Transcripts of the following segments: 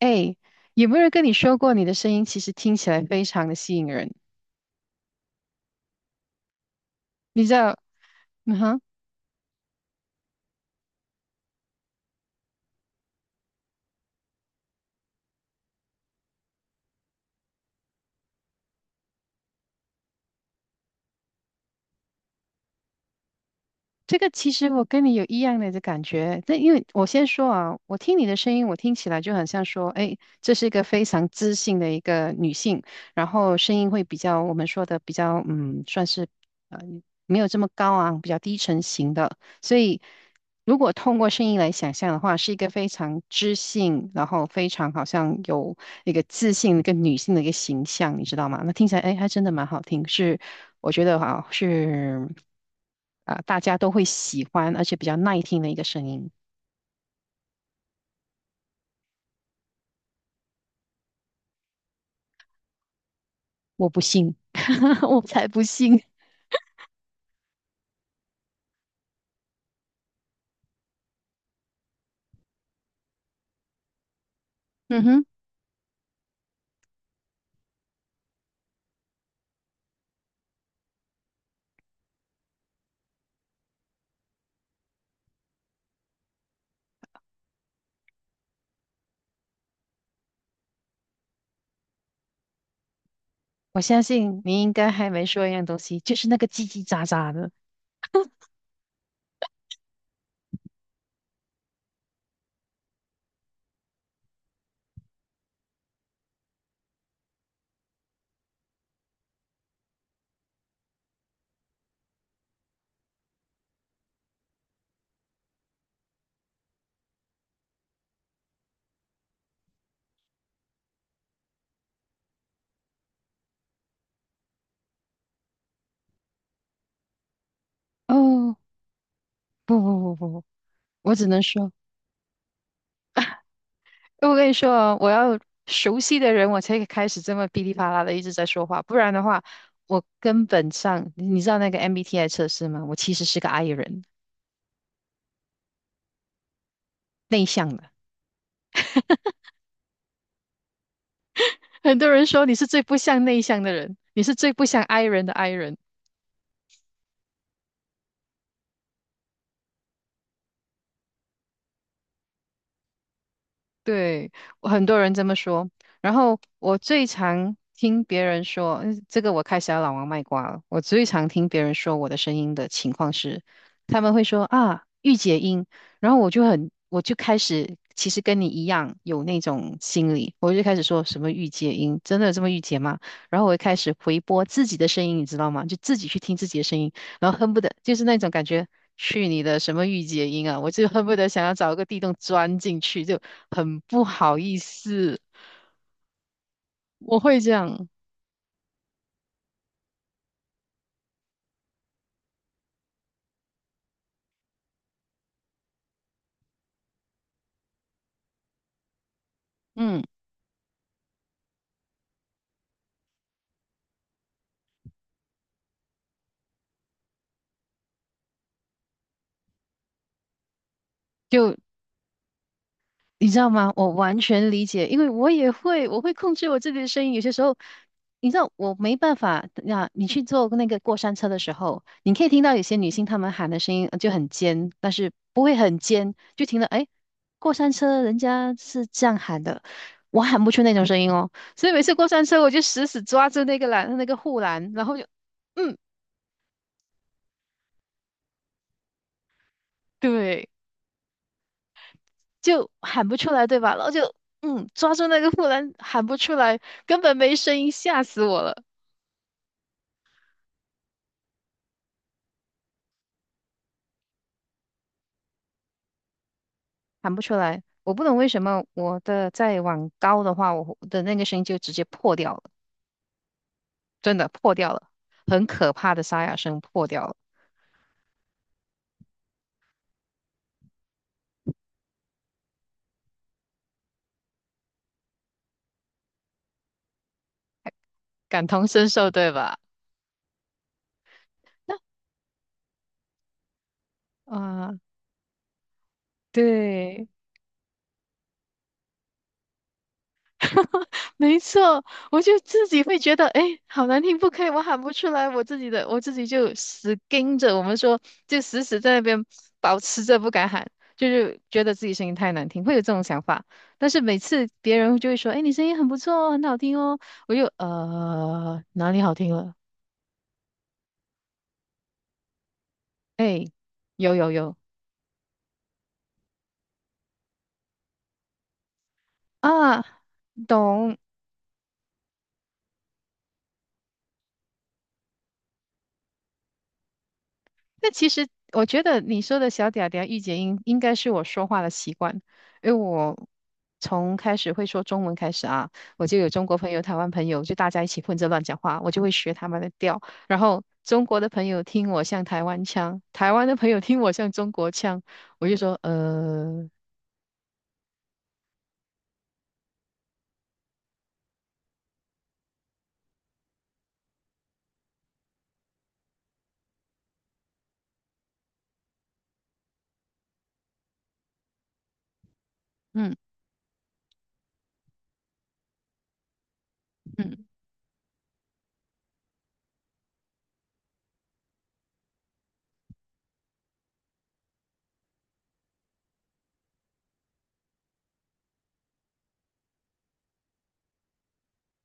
哎，有没有人跟你说过你的声音其实听起来非常的吸引人？你知道，嗯哼。这个其实我跟你有一样的感觉，但因为我先说啊，我听你的声音，我听起来就很像说，哎，这是一个非常知性的一个女性，然后声音会比较我们说的比较，嗯，算是呃没有这么高昂，比较低沉型的，所以如果通过声音来想象的话，是一个非常知性，然后非常好像有一个自信、一个女性的一个形象，你知道吗？那听起来，哎，还真的蛮好听，是我觉得哈、是啊、大家都会喜欢，而且比较耐听的一个声音。我不信，我才不信。嗯哼，我相信你应该还没说一样东西，就是那个叽叽喳喳的。哦，不不不不，不，我只能说，我跟你说哦，我要熟悉的人，我才开始这么噼里啪啦的一直在说话，不然的话，我根本上，你知道那个 MBTI 测试吗？我其实是个 I 人，内向的。很多人说你是最不像内向的人，你是最不像 I 人的 I 人。对，我很多人这么说。然后我最常听别人说，这个我开始要老王卖瓜了。我最常听别人说我的声音的情况是，他们会说啊，御姐音。然后我就很，我就开始，其实跟你一样有那种心理，我就开始说什么御姐音，真的有这么御姐吗？然后我就开始回播自己的声音，你知道吗？就自己去听自己的声音。然后恨不得就是那种感觉，去你的什么御姐音啊！我就恨不得想要找一个地洞钻进去，就很不好意思，我会这样，嗯。你知道吗？我完全理解，因为我也会，我会控制我自己的声音。有些时候，你知道我没办法。那你去坐那个过山车的时候，你可以听到有些女性她们喊的声音就很尖，但是不会很尖，就听到哎，过山车人家是这样喊的，我喊不出那种声音哦。所以每次过山车，我就死死抓住那个栏，那个护栏，然后就嗯，对，就喊不出来，对吧？然后就嗯，抓住那个护栏喊不出来，根本没声音，吓死我了。喊不出来。我不懂为什么我的再往高的话，我的那个声音就直接破掉了，真的破掉了，很可怕的沙哑声破掉了，感同身受，对吧？啊，对，没错，我就自己会觉得，哎，好难听，不可以，我喊不出来，我自己的，我自己就死盯着，我们说，就死死在那边保持着不敢喊，就是觉得自己声音太难听，会有这种想法。但是每次别人就会说，哎，你声音很不错哦，很好听哦，我就哪里好听了？哎，有有有啊，懂，那其实我觉得你说的小嗲嗲、御姐音，应该是我说话的习惯，因为我从开始会说中文开始啊，我就有中国朋友、台湾朋友，就大家一起混着乱讲话，我就会学他们的调。然后中国的朋友听我像台湾腔，台湾的朋友听我像中国腔，我就说，嗯嗯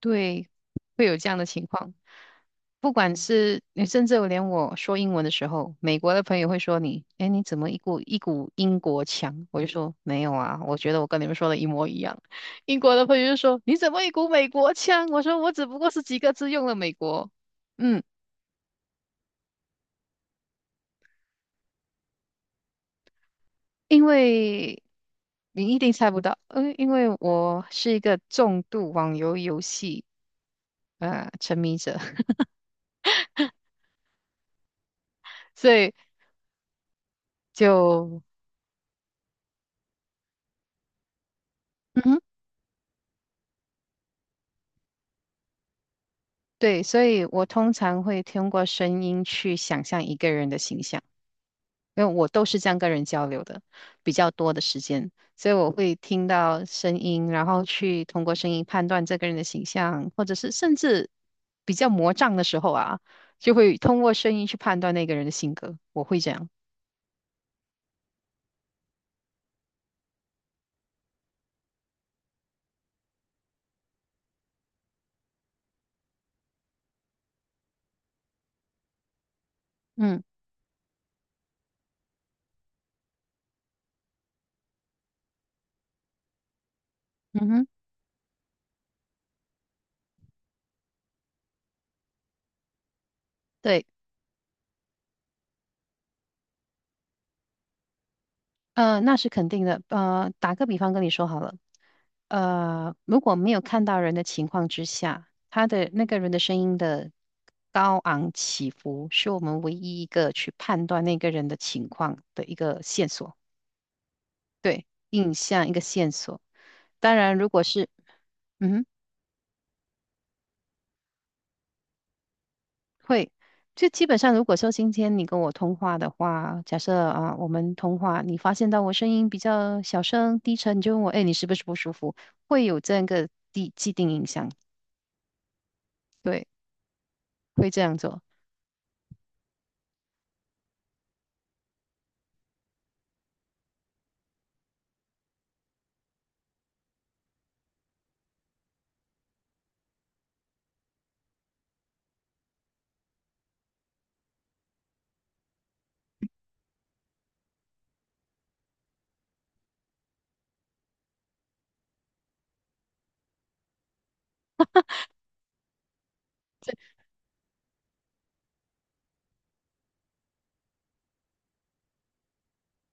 对，会有这样的情况。不管是你，甚至我连我说英文的时候，美国的朋友会说你，哎，你怎么一股英国腔？我就说没有啊，我觉得我跟你们说的一模一样。英国的朋友就说你怎么一股美国腔？我说我只不过是几个字用了美国，嗯，因为你一定猜不到，嗯，因为我是一个重度网游游戏沉迷者，所以就。嗯哼。对，所以我通常会通过声音去想象一个人的形象，因为我都是这样跟人交流的，比较多的时间，所以我会听到声音，然后去通过声音判断这个人的形象，或者是甚至比较魔障的时候啊，就会通过声音去判断那个人的性格，我会这样。嗯嗯哼，对。那是肯定的。打个比方跟你说好了，如果没有看到人的情况之下，他的那个人的声音的高昂起伏，是我们唯一一个去判断那个人的情况的一个线索，对，印象一个线索。当然，如果是，嗯哼。会，就基本上，如果说今天你跟我通话的话，假设啊，我们通话，你发现到我声音比较小声、低沉，你就问我，哎，你是不是不舒服？会有这样一个既定印象，对，会这样做。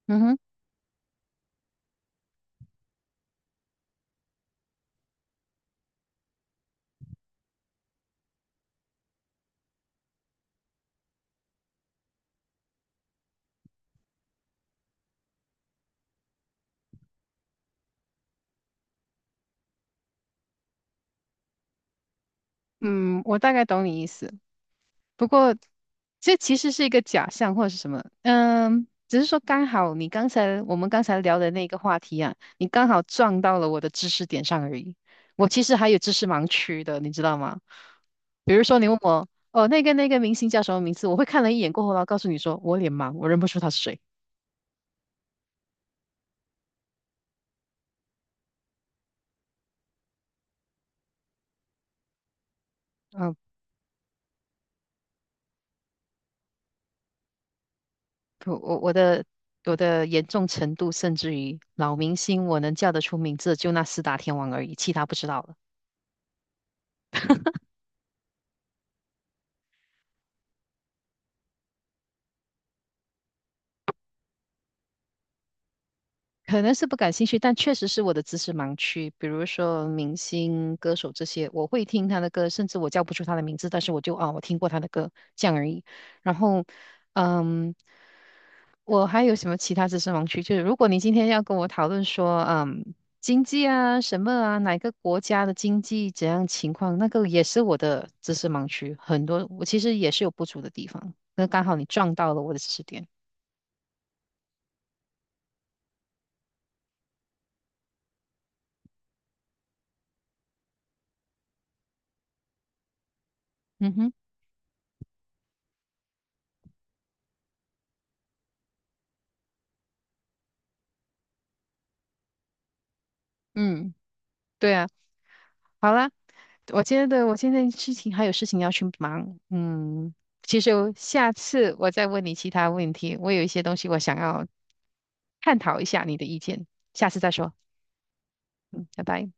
嗯哼，嗯，我大概懂你意思。不过这其实是一个假象或者是什么，嗯，只是说刚好你刚才我们刚才聊的那个话题啊，你刚好撞到了我的知识点上而已。我其实还有知识盲区的，你知道吗？比如说你问我，哦，那个明星叫什么名字？我会看了一眼过后，然后告诉你说我脸盲，我认不出他是谁。嗯，不，我的我的严重程度，甚至于老明星我能叫得出名字，就那四大天王而已，其他不知道了。可能是不感兴趣，但确实是我的知识盲区。比如说明星、歌手这些，我会听他的歌，甚至我叫不出他的名字，但是我就啊，我听过他的歌，这样而已。然后，嗯，我还有什么其他知识盲区？就是如果你今天要跟我讨论说，嗯，经济啊，什么啊，哪个国家的经济怎样情况，那个也是我的知识盲区，很多我其实也是有不足的地方。那刚好你撞到了我的知识点。嗯哼，嗯，对啊。好啦，我觉得我现在事情还有事情要去忙，嗯，其实我下次我再问你其他问题，我有一些东西我想要探讨一下你的意见，下次再说，嗯，拜拜。